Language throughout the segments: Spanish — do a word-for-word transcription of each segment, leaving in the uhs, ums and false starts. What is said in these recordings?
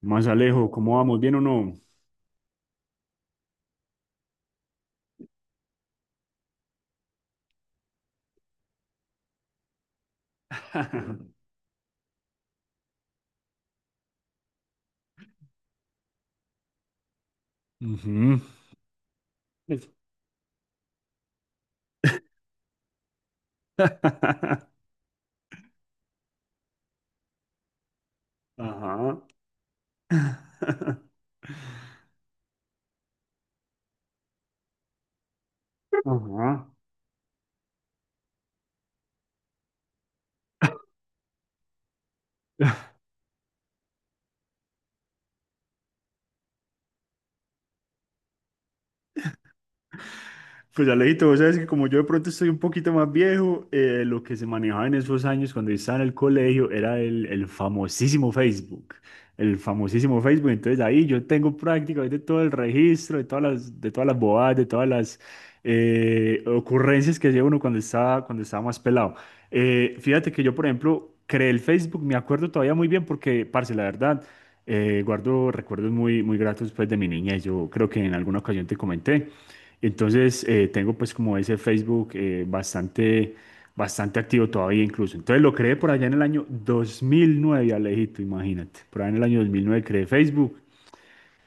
Más Alejo, ¿cómo vamos? ¿Bien o no? Ujú. Ajá. Ajá. Pues Alejito, vos sabes que como yo de pronto estoy un poquito más viejo, eh, lo que se manejaba en esos años cuando yo estaba en el colegio era el, el famosísimo Facebook. El famosísimo Facebook. Entonces ahí yo tengo prácticamente todo el registro de todas las, de todas las bobadas, de todas las eh, ocurrencias que hacía uno cuando estaba, cuando estaba más pelado. Eh, fíjate que yo, por ejemplo, creé el Facebook, me acuerdo todavía muy bien porque, parce, la verdad. Eh, guardo recuerdos muy, muy gratos pues, de mi niñez. Yo creo que en alguna ocasión te comenté. Entonces eh, tengo pues como ese Facebook eh, bastante, bastante activo todavía incluso. Entonces lo creé por allá en el año dos mil nueve, Alejito, imagínate. Por allá en el año dos mil nueve creé Facebook.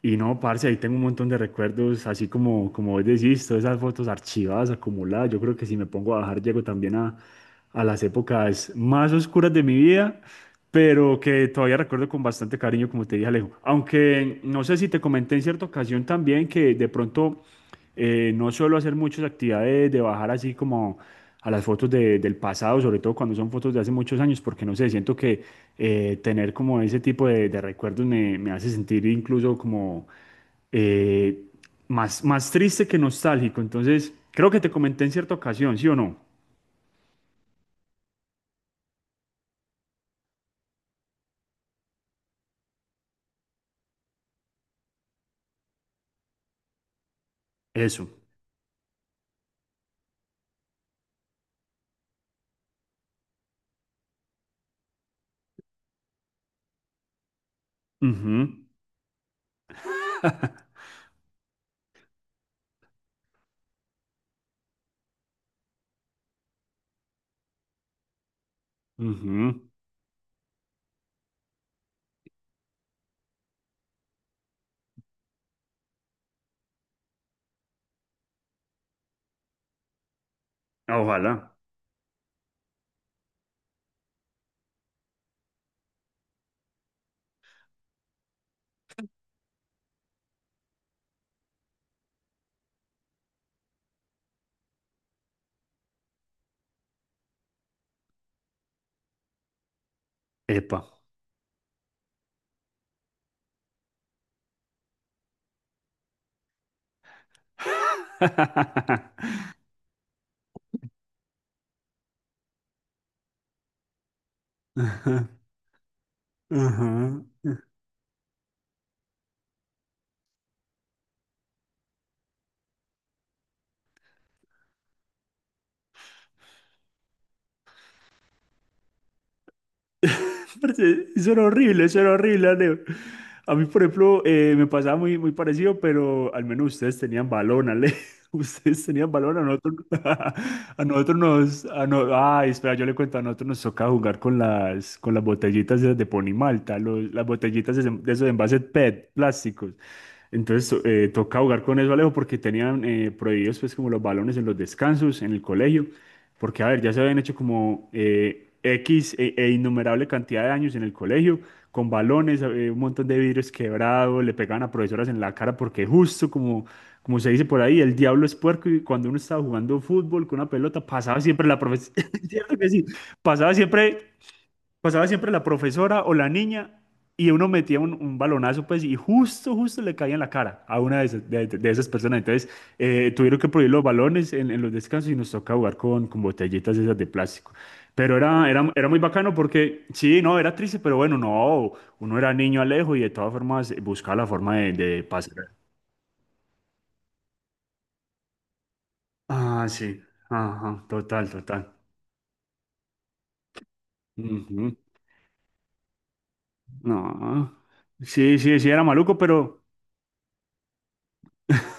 Y no, parce, ahí tengo un montón de recuerdos, así como, como vos decís, todas esas fotos archivadas, acumuladas. Yo creo que si me pongo a bajar, llego también a, a las épocas más oscuras de mi vida, pero que todavía recuerdo con bastante cariño, como te dije, Alejo. Aunque no sé si te comenté en cierta ocasión también que de pronto eh, no suelo hacer muchas actividades de bajar así como a las fotos de- del pasado, sobre todo cuando son fotos de hace muchos años, porque no sé, siento que eh, tener como ese tipo de, de recuerdos me, me hace sentir incluso como eh, más, más triste que nostálgico. Entonces, creo que te comenté en cierta ocasión, ¿sí o no? Eso. Ujú, ujú. Ojalá. Epa. Ajá, ajá. Aparte, eso era horrible, eso era horrible, Alejo. A mí, por ejemplo, eh, me pasaba muy, muy parecido, pero al menos ustedes tenían balón, Ale. Ustedes tenían balón, a nosotros, a nosotros nos... a no- ay, espera, yo le cuento, a nosotros nos toca jugar con las, con las botellitas esas de Ponimalta, los, las botellitas de, de esos envases P E T, plásticos. Entonces, to- eh, toca jugar con eso, Alejo, porque tenían eh, prohibidos, pues, como los balones en los descansos, en el colegio. Porque, a ver, ya se habían hecho como eh, X e, e innumerable cantidad de años en el colegio, con balones, eh, un montón de vidrios quebrados, le pegaban a profesoras en la cara, porque justo como, como se dice por ahí, el diablo es puerco y cuando uno estaba jugando fútbol con una pelota, pasaba siempre la profesora. pasaba siempre pasaba siempre la profesora o la niña, y uno metía un, un balonazo, pues, y justo, justo le caía en la cara a una de esas, de, de esas personas. Entonces, eh, tuvieron que prohibir los balones en, en los descansos y nos toca jugar con, con botellitas esas de plástico. Pero era, era, era muy bacano porque, sí, no, era triste, pero bueno, no, uno era niño, Alejo, y de todas formas buscaba la forma de, de pasar. Ah, sí, ajá, total, total. Ujú. No, sí, sí, sí, era maluco, pero...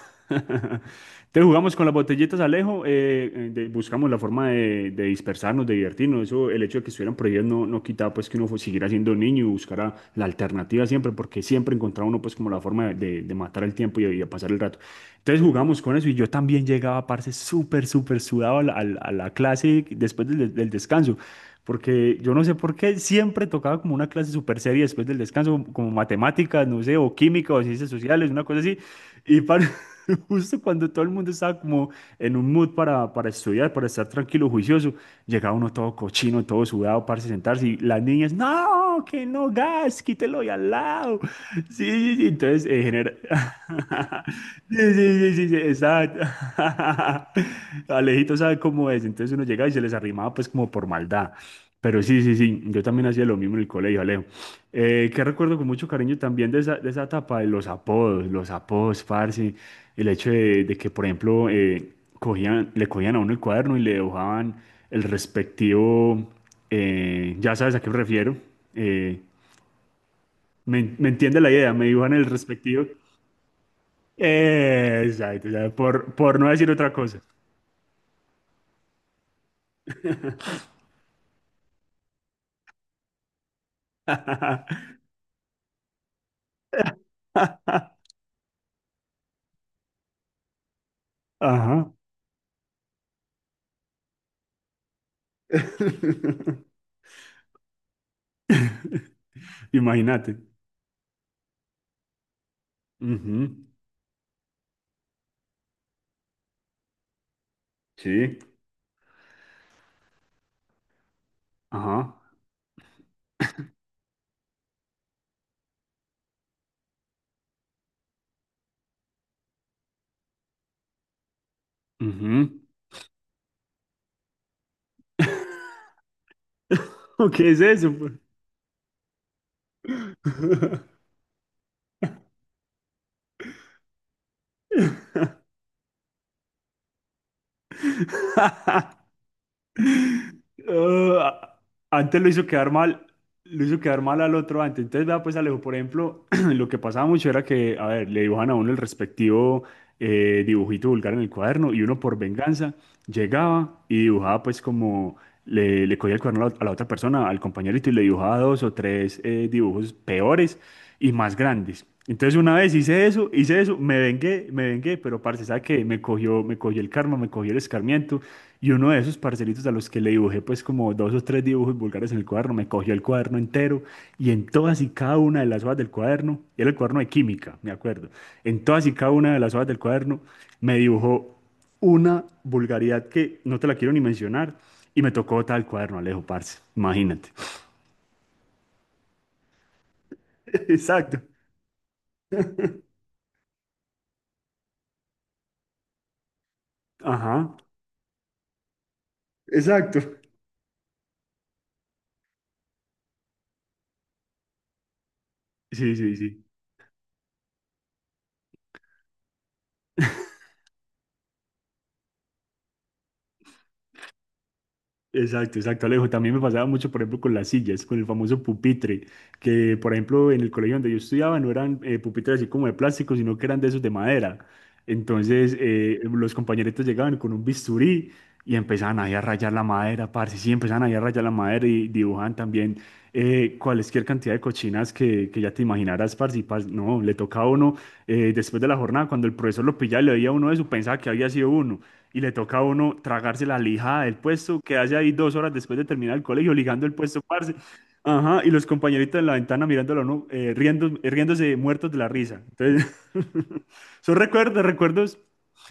Entonces jugamos con las botellitas, Alejo, eh, eh, de- buscamos la forma de, de dispersarnos, de divertirnos. Eso, el hecho de que estuvieran prohibidas no, no quitaba pues que uno fu- siguiera siendo niño y buscara la alternativa siempre, porque siempre encontraba uno pues como la forma de, de matar el tiempo y, y de pasar el rato. Entonces jugamos con eso y yo también llegaba, parce, súper, súper sudado a la, a la- a la clase después del, del descanso, porque yo no sé por qué siempre tocaba como una clase súper seria después del descanso, como matemáticas, no sé, o química o ciencias sociales, una cosa así. Y para, justo cuando todo el mundo estaba como en un mood para, para estudiar, para estar tranquilo, juicioso, llegaba uno todo cochino, todo sudado, parce, sentarse, y las niñas, no no, que no, gas, quítelo y al lado. Sí, sí, sí, entonces eh, genera... Sí, sí, sí, sí, sí, exacto. Alejito sabe cómo es, entonces uno llega y se les arrimaba pues como por maldad. Pero sí, sí, sí, yo también hacía lo mismo en el colegio, Alejo. Eh, que recuerdo con mucho cariño también de esa, de esa etapa de los apodos, los apodos, parce, el hecho de, de que, por ejemplo, eh, cogían, le cogían a uno el cuaderno y le dibujaban el respectivo. Eh, ya sabes a qué me refiero. Eh, me, me entiende la idea, me dibujan el respectivo. Eh, exacto, ya, por, por no decir otra cosa. Ajá. Imagínate. Ujú. Sí. Ajá. Ujú. ¿O ¿Qué es eso? pues? Ah, antes lo hizo quedar mal, lo hizo quedar mal al otro antes. Entonces, vea, pues Alejo, por ejemplo, lo que pasaba mucho era que, a ver, le dibujan a uno el respectivo eh, dibujito vulgar en el cuaderno, y uno por venganza llegaba y dibujaba pues como le, le cogía el cuaderno a la, a la otra persona, al compañerito, y le dibujaba dos o tres eh, dibujos peores y más grandes. Entonces una vez hice eso, hice eso, me vengué, me vengué, pero parce, ¿sabe qué? Me cogió, me cogió el karma, me cogió el escarmiento, y uno de esos parcelitos a los que le dibujé pues como dos o tres dibujos vulgares en el cuaderno, me cogió el cuaderno entero, y en todas y cada una de las hojas del cuaderno, y era el cuaderno de química, me acuerdo, en todas y cada una de las hojas del cuaderno me dibujó una vulgaridad que no te la quiero ni mencionar. Y me tocó tal cuaderno, Alejo, parce. Imagínate. Exacto. Ajá. Exacto. Sí, sí, sí. Exacto, exacto, Alejo. También me pasaba mucho, por ejemplo, con las sillas, con el famoso pupitre, que, por ejemplo, en el colegio donde yo estudiaba no eran eh, pupitres así como de plástico, sino que eran de esos de madera. Entonces, eh, los compañeritos llegaban con un bisturí y empezaban ahí a rayar la madera, parce, sí, empezaban ahí a rayar la madera y dibujaban también eh, cualquier cantidad de cochinas que, que, ya te imaginaras, parce, y parce, no, le tocaba a uno, eh, después de la jornada, cuando el profesor lo pillaba y le veía a uno de eso, pensaba que había sido uno, y le toca a uno tragarse la lijada del puesto, quedarse ahí dos horas después de terminar el colegio, ligando el puesto, parce. Ajá, y los compañeritos en la ventana mirándolo, ¿no? Eh, riendo, eh, riéndose muertos de la risa. Entonces, son recuerdos, recuerdos,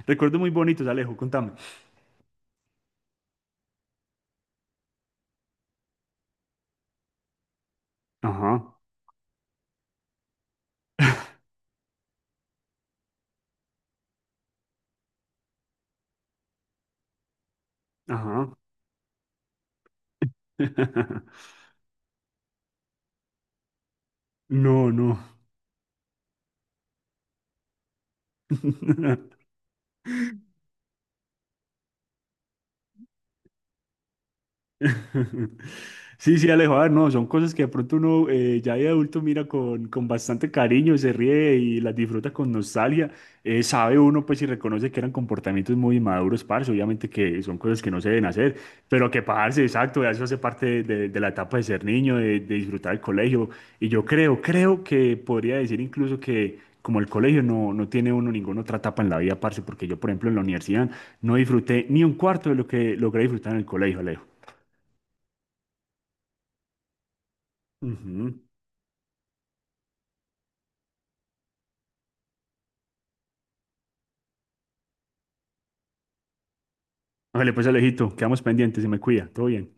recuerdos muy bonitos, Alejo, contame. Ajá, ajá. No, no. Sí, sí, Alejo, a ver, no, son cosas que de pronto uno eh, ya de adulto mira con, con bastante cariño, se ríe y las disfruta con nostalgia. Eh, sabe uno, pues, y reconoce que eran comportamientos muy inmaduros, parce, obviamente que son cosas que no se deben hacer, pero que, parce, exacto, eso hace parte de, de la etapa de ser niño, de, de disfrutar el colegio. Y yo creo, creo que podría decir incluso que como el colegio no, no tiene uno ninguna otra etapa en la vida, parce, porque yo, por ejemplo, en la universidad no disfruté ni un cuarto de lo que logré disfrutar en el colegio, Alejo. Ujú. Vale, pues Alejito, quedamos pendientes y me cuida. Todo bien.